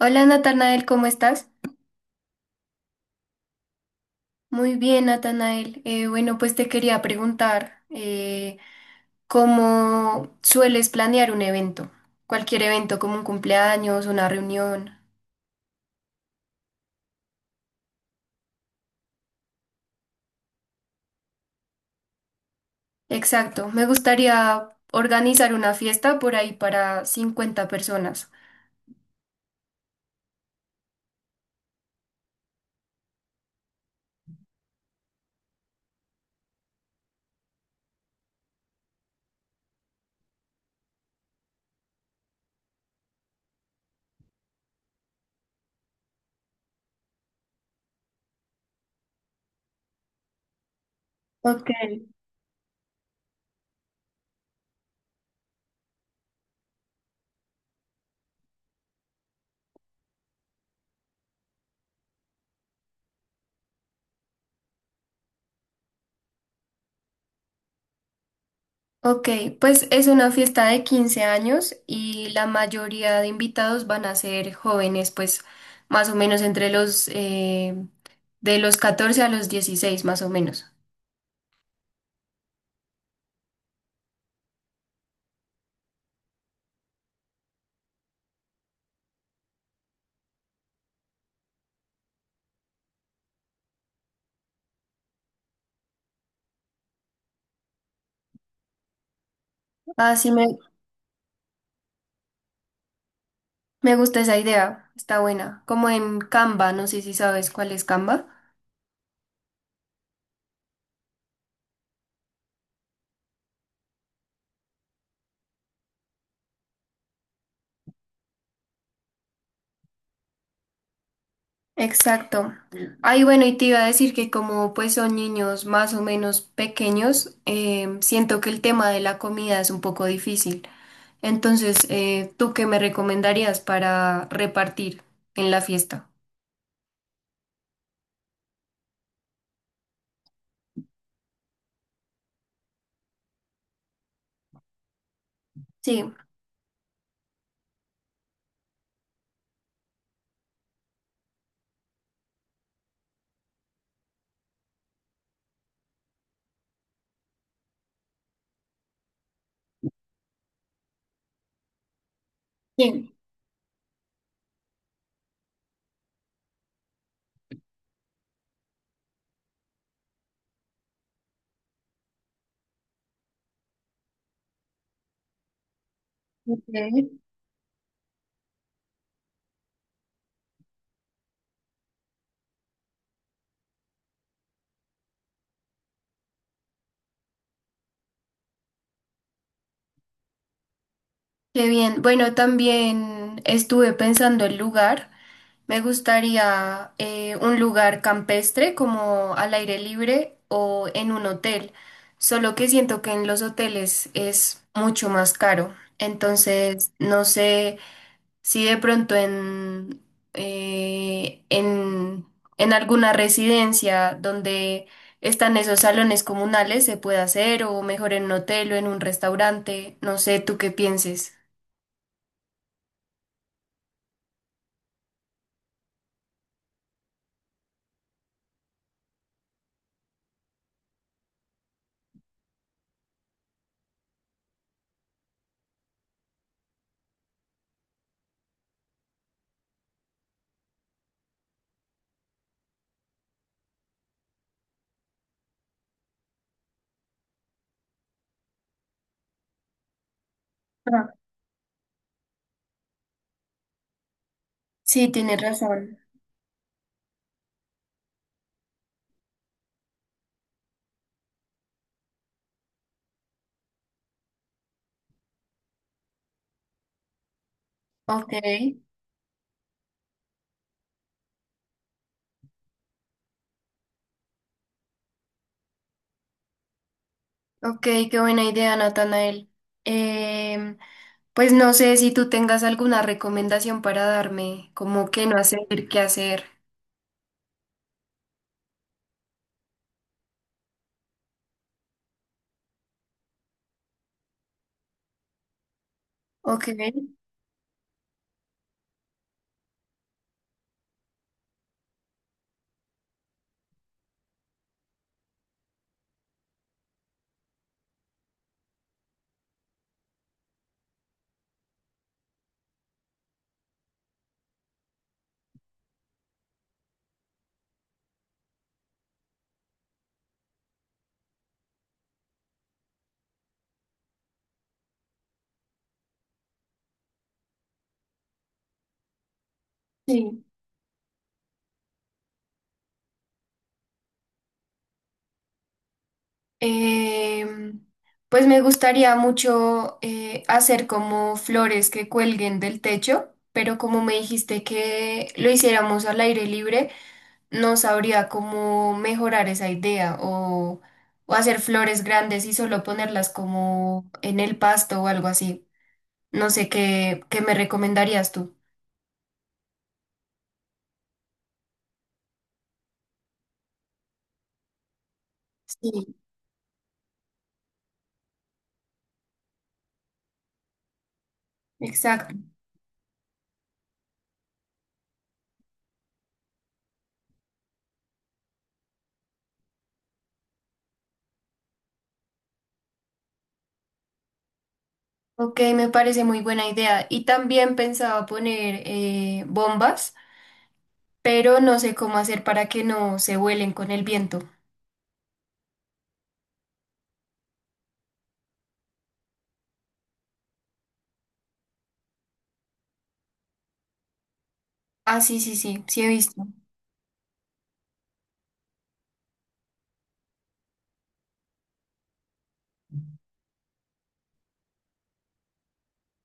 Hola Natanael, ¿cómo estás? Muy bien, Natanael. Bueno, pues te quería preguntar, ¿cómo sueles planear un evento? Cualquier evento, como un cumpleaños, una reunión. Exacto, me gustaría organizar una fiesta por ahí para 50 personas. Ok. Ok, pues es una fiesta de 15 años y la mayoría de invitados van a ser jóvenes, pues más o menos entre los de los 14 a los 16 más o menos. Ah, sí, me gusta esa idea, está buena. Como en Canva, no sé si sabes cuál es Canva. Exacto. Ay, bueno, y te iba a decir que como pues son niños más o menos pequeños, siento que el tema de la comida es un poco difícil. Entonces, ¿tú qué me recomendarías para repartir en la fiesta? Sí. Bien. Ok. Qué bien. Bueno, también estuve pensando el lugar. Me gustaría un lugar campestre como al aire libre o en un hotel, solo que siento que en los hoteles es mucho más caro. Entonces, no sé si de pronto eh, en, en alguna residencia donde están esos salones comunales se puede hacer o mejor en un hotel o en un restaurante. No sé, ¿tú qué pienses? Ah, sí, tienes razón. Ok. Ok, qué buena idea, Natanael. Em, pues no sé si tú tengas alguna recomendación para darme, como qué no hacer, qué hacer. Ok, sí. Em, pues me gustaría mucho hacer como flores que cuelguen del techo, pero como me dijiste que lo hiciéramos al aire libre, no sabría cómo mejorar esa idea, o hacer flores grandes y solo ponerlas como en el pasto o algo así. No sé qué me recomendarías tú. Sí, exacto. Ok, me parece muy buena idea. Y también pensaba poner bombas, pero no sé cómo hacer para que no se vuelen con el viento. Ah, sí, sí, sí, sí he visto.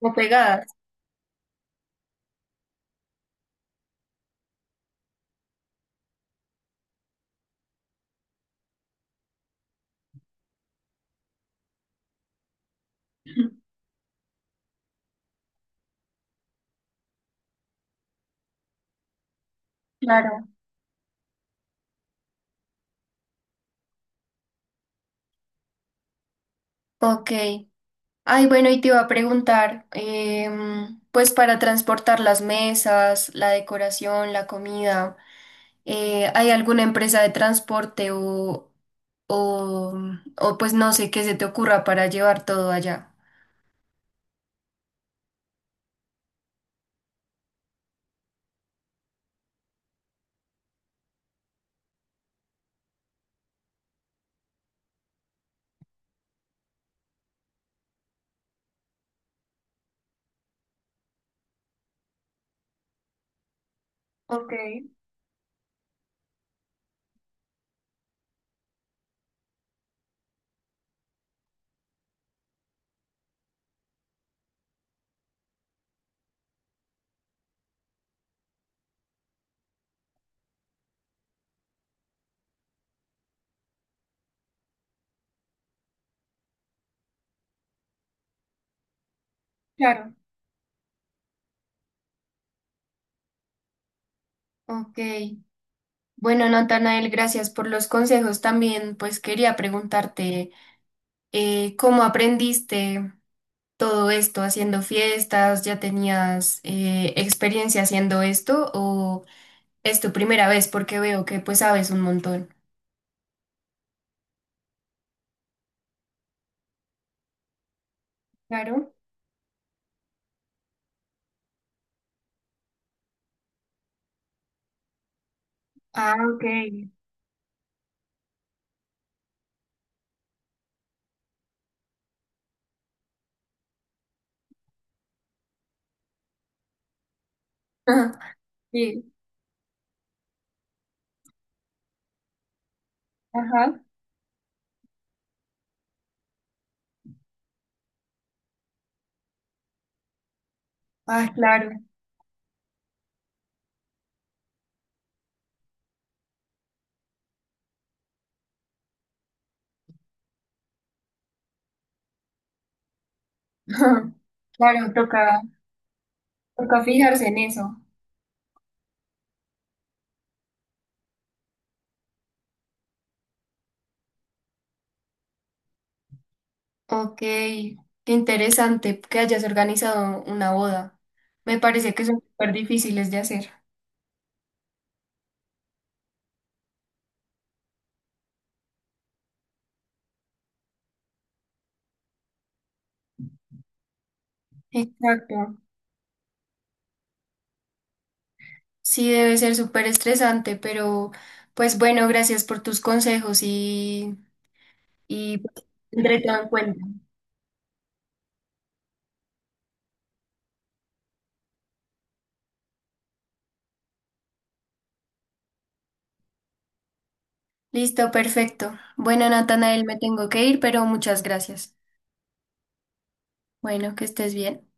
O pegadas. Claro. Ok. Ay, bueno, y te iba a preguntar, pues para transportar las mesas, la decoración, la comida. ¿Hay alguna empresa de transporte o, o pues no sé qué se te ocurra para llevar todo allá? Ok, claro. Ok. Bueno, Natanael, gracias por los consejos. También pues quería preguntarte ¿cómo aprendiste todo esto haciendo fiestas? ¿Ya tenías experiencia haciendo esto o es tu primera vez? Porque veo que pues sabes un montón. Claro. Ah, ok. Sí. Ajá. Ah, claro. Ajá. Claro, toca fijarse en eso. Ok, qué interesante que hayas organizado una boda. Me parece que son súper difíciles de hacer. Exacto. Sí, debe ser súper estresante, pero pues bueno, gracias por tus consejos y pues, tendré todo en cuenta. Listo, perfecto. Bueno, Natanael, me tengo que ir, pero muchas gracias. Bueno, que estés bien.